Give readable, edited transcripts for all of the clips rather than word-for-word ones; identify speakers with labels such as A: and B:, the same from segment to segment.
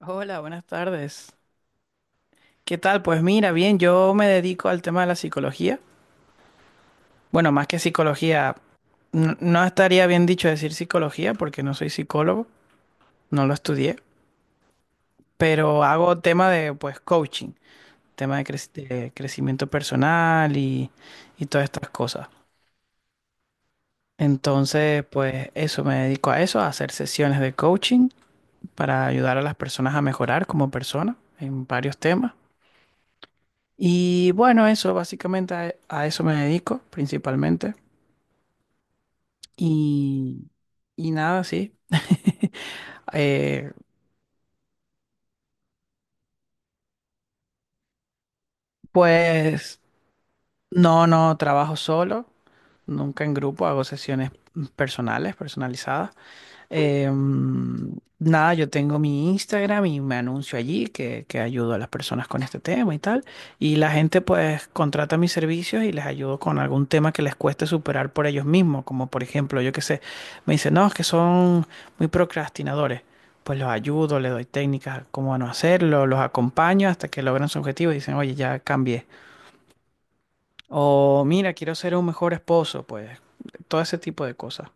A: Hola, buenas tardes. ¿Qué tal? Pues mira, bien, yo me dedico al tema de la psicología. Bueno, más que psicología, no estaría bien dicho decir psicología porque no soy psicólogo, no lo estudié, pero hago tema de pues coaching, tema de, de crecimiento personal y todas estas cosas. Entonces, pues eso, me dedico a eso, a hacer sesiones de coaching para ayudar a las personas a mejorar como persona en varios temas. Y bueno, eso, básicamente a eso me dedico principalmente. Y, y nada, sí. Eh, pues no, no trabajo solo, nunca en grupo, hago sesiones personales, personalizadas. Eh, mm, nada, yo tengo mi Instagram y me anuncio allí que ayudo a las personas con este tema y tal. Y la gente pues contrata mis servicios y les ayudo con algún tema que les cueste superar por ellos mismos. Como por ejemplo, yo qué sé, me dicen, no, es que son muy procrastinadores. Pues los ayudo, les doy técnicas cómo no hacerlo, los acompaño hasta que logran su objetivo y dicen, oye, ya cambié. O mira, quiero ser un mejor esposo, pues todo ese tipo de cosas.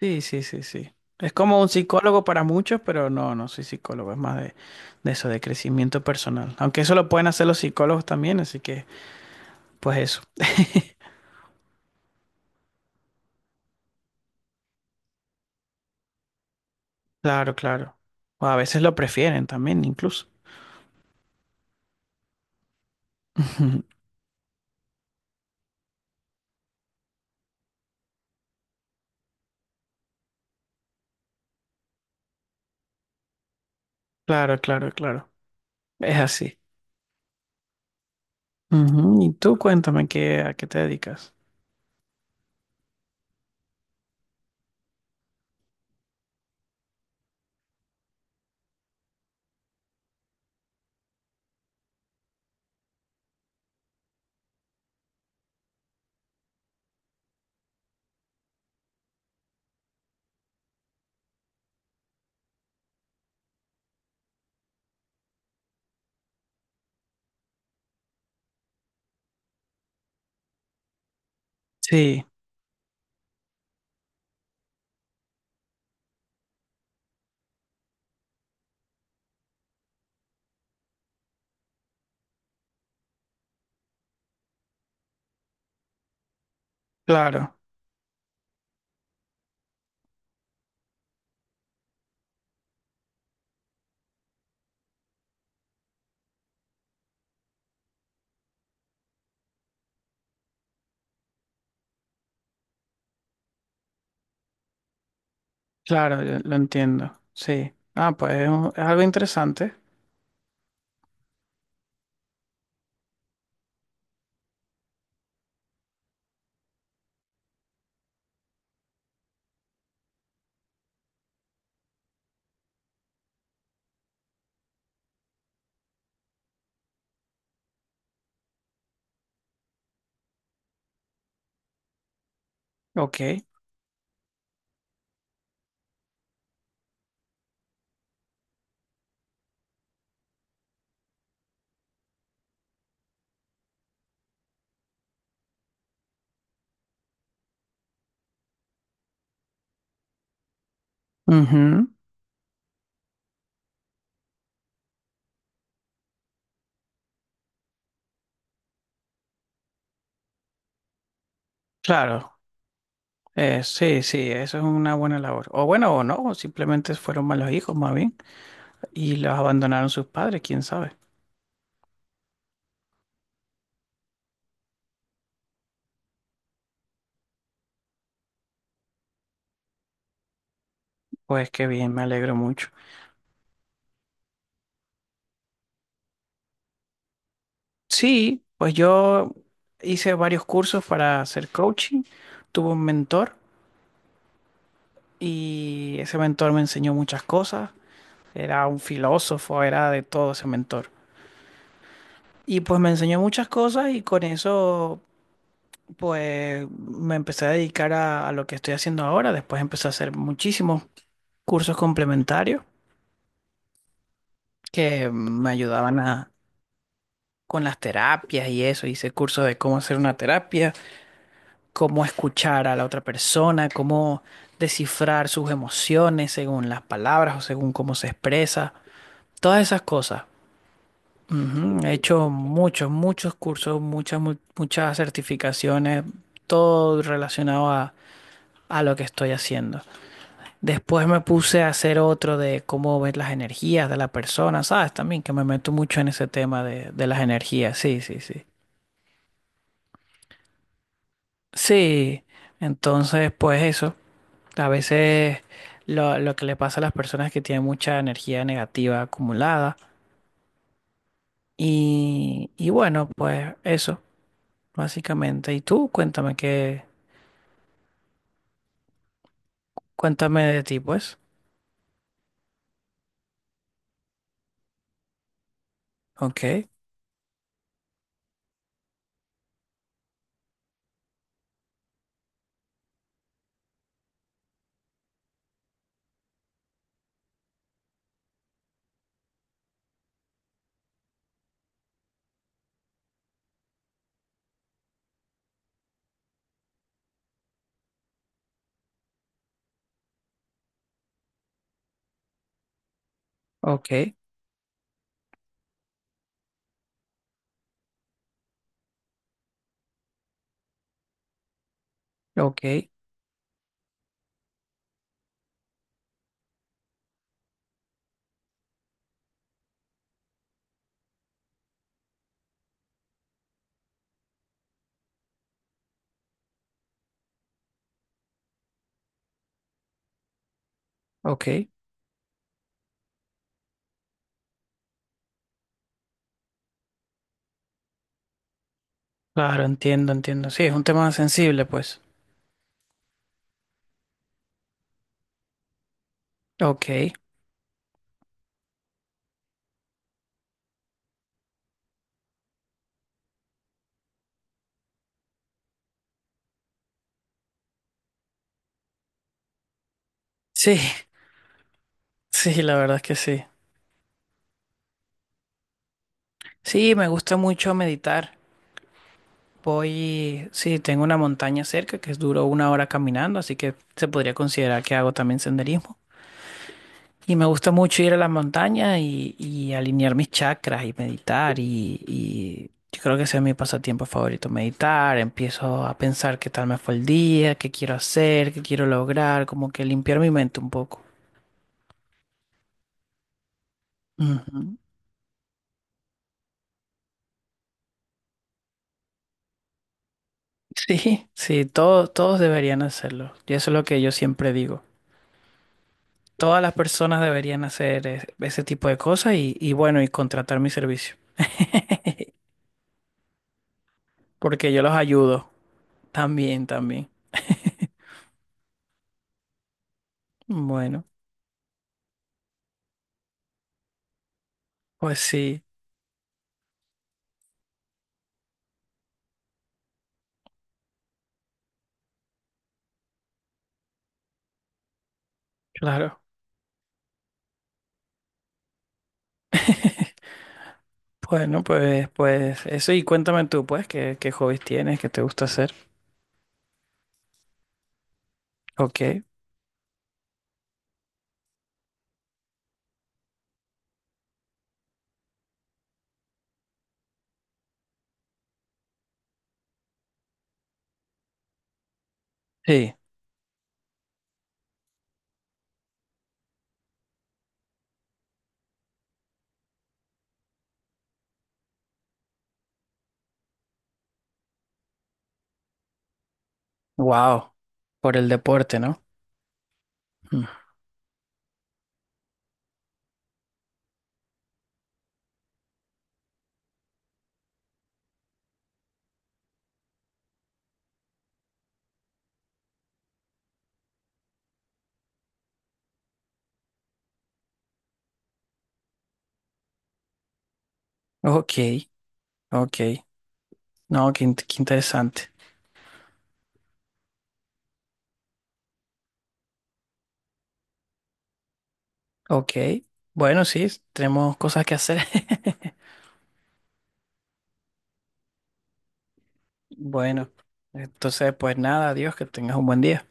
A: Sí, sí, sí, sí. Es como un psicólogo para muchos, pero no, no soy psicólogo, es más de eso, de crecimiento personal. Aunque eso lo pueden hacer los psicólogos también, así que, pues eso. Claro, claro. O a veces lo prefieren también, incluso. Ujú. Claro, claro, claro. Es así. Ujú. Y tú cuéntame qué, a qué te dedicas. Sí, claro, claro, yo lo entiendo. Sí. Ah, pues es, es algo interesante. Ok. Ujú. Claro. Sí, sí, eso es una buena labor. O bueno, o no, o simplemente fueron malos hijos más bien y los abandonaron sus padres, quién sabe. Pues qué bien, me alegro mucho. Sí, pues yo hice varios cursos para hacer coaching, tuve un mentor y ese mentor me enseñó muchas cosas, era un filósofo, era de todo ese mentor. Y pues me enseñó muchas cosas y con eso pues me empecé a dedicar a lo que estoy haciendo ahora, después empecé a hacer muchísimos cursos complementarios que me ayudaban a, con las terapias y eso. Hice cursos de cómo hacer una terapia, cómo escuchar a la otra persona, cómo descifrar sus emociones según las palabras o según cómo se expresa. Todas esas cosas. Ujú, he hecho muchos, muchos cursos, muchas, muchas certificaciones, todo relacionado a lo que estoy haciendo. Después me puse a hacer otro de cómo ver las energías de la persona, ¿sabes? También que me meto mucho en ese tema de las energías, sí, sí, sí. Sí, entonces pues eso, a veces lo que le pasa a las personas es que tienen mucha energía negativa acumulada y bueno, pues eso, básicamente. Y tú, cuéntame qué, cuéntame de ti, pues. Ok, ok, ok, ok. Claro, entiendo, entiendo. Sí, es un tema sensible, pues. Ok. Sí, sí, la verdad es que sí. Sí, me gusta mucho meditar. Voy, sí, tengo una montaña cerca que es duro una hora caminando, así que se podría considerar que hago también senderismo. Y me gusta mucho ir a las montañas y alinear mis chakras y meditar. Y yo creo que ese es mi pasatiempo favorito, meditar. Empiezo a pensar qué tal me fue el día, qué quiero hacer, qué quiero lograr, como que limpiar mi mente un poco. Ujú. Sí, sí, todos, todos deberían hacerlo. Y eso es lo que yo siempre digo. Todas las personas deberían hacer ese tipo de cosas y bueno, y contratar mi servicio, porque yo los ayudo también, también. Bueno, pues sí, claro. Bueno, pues, pues eso y cuéntame tú, pues, qué, qué hobbies tienes, qué te gusta hacer. Ok, sí, wow, por el deporte, ¿no? Mm. Ok, ok, no, qué, qué interesante. Ok, bueno, sí, tenemos cosas que hacer. Bueno, entonces, pues nada, adiós, que tengas un buen día.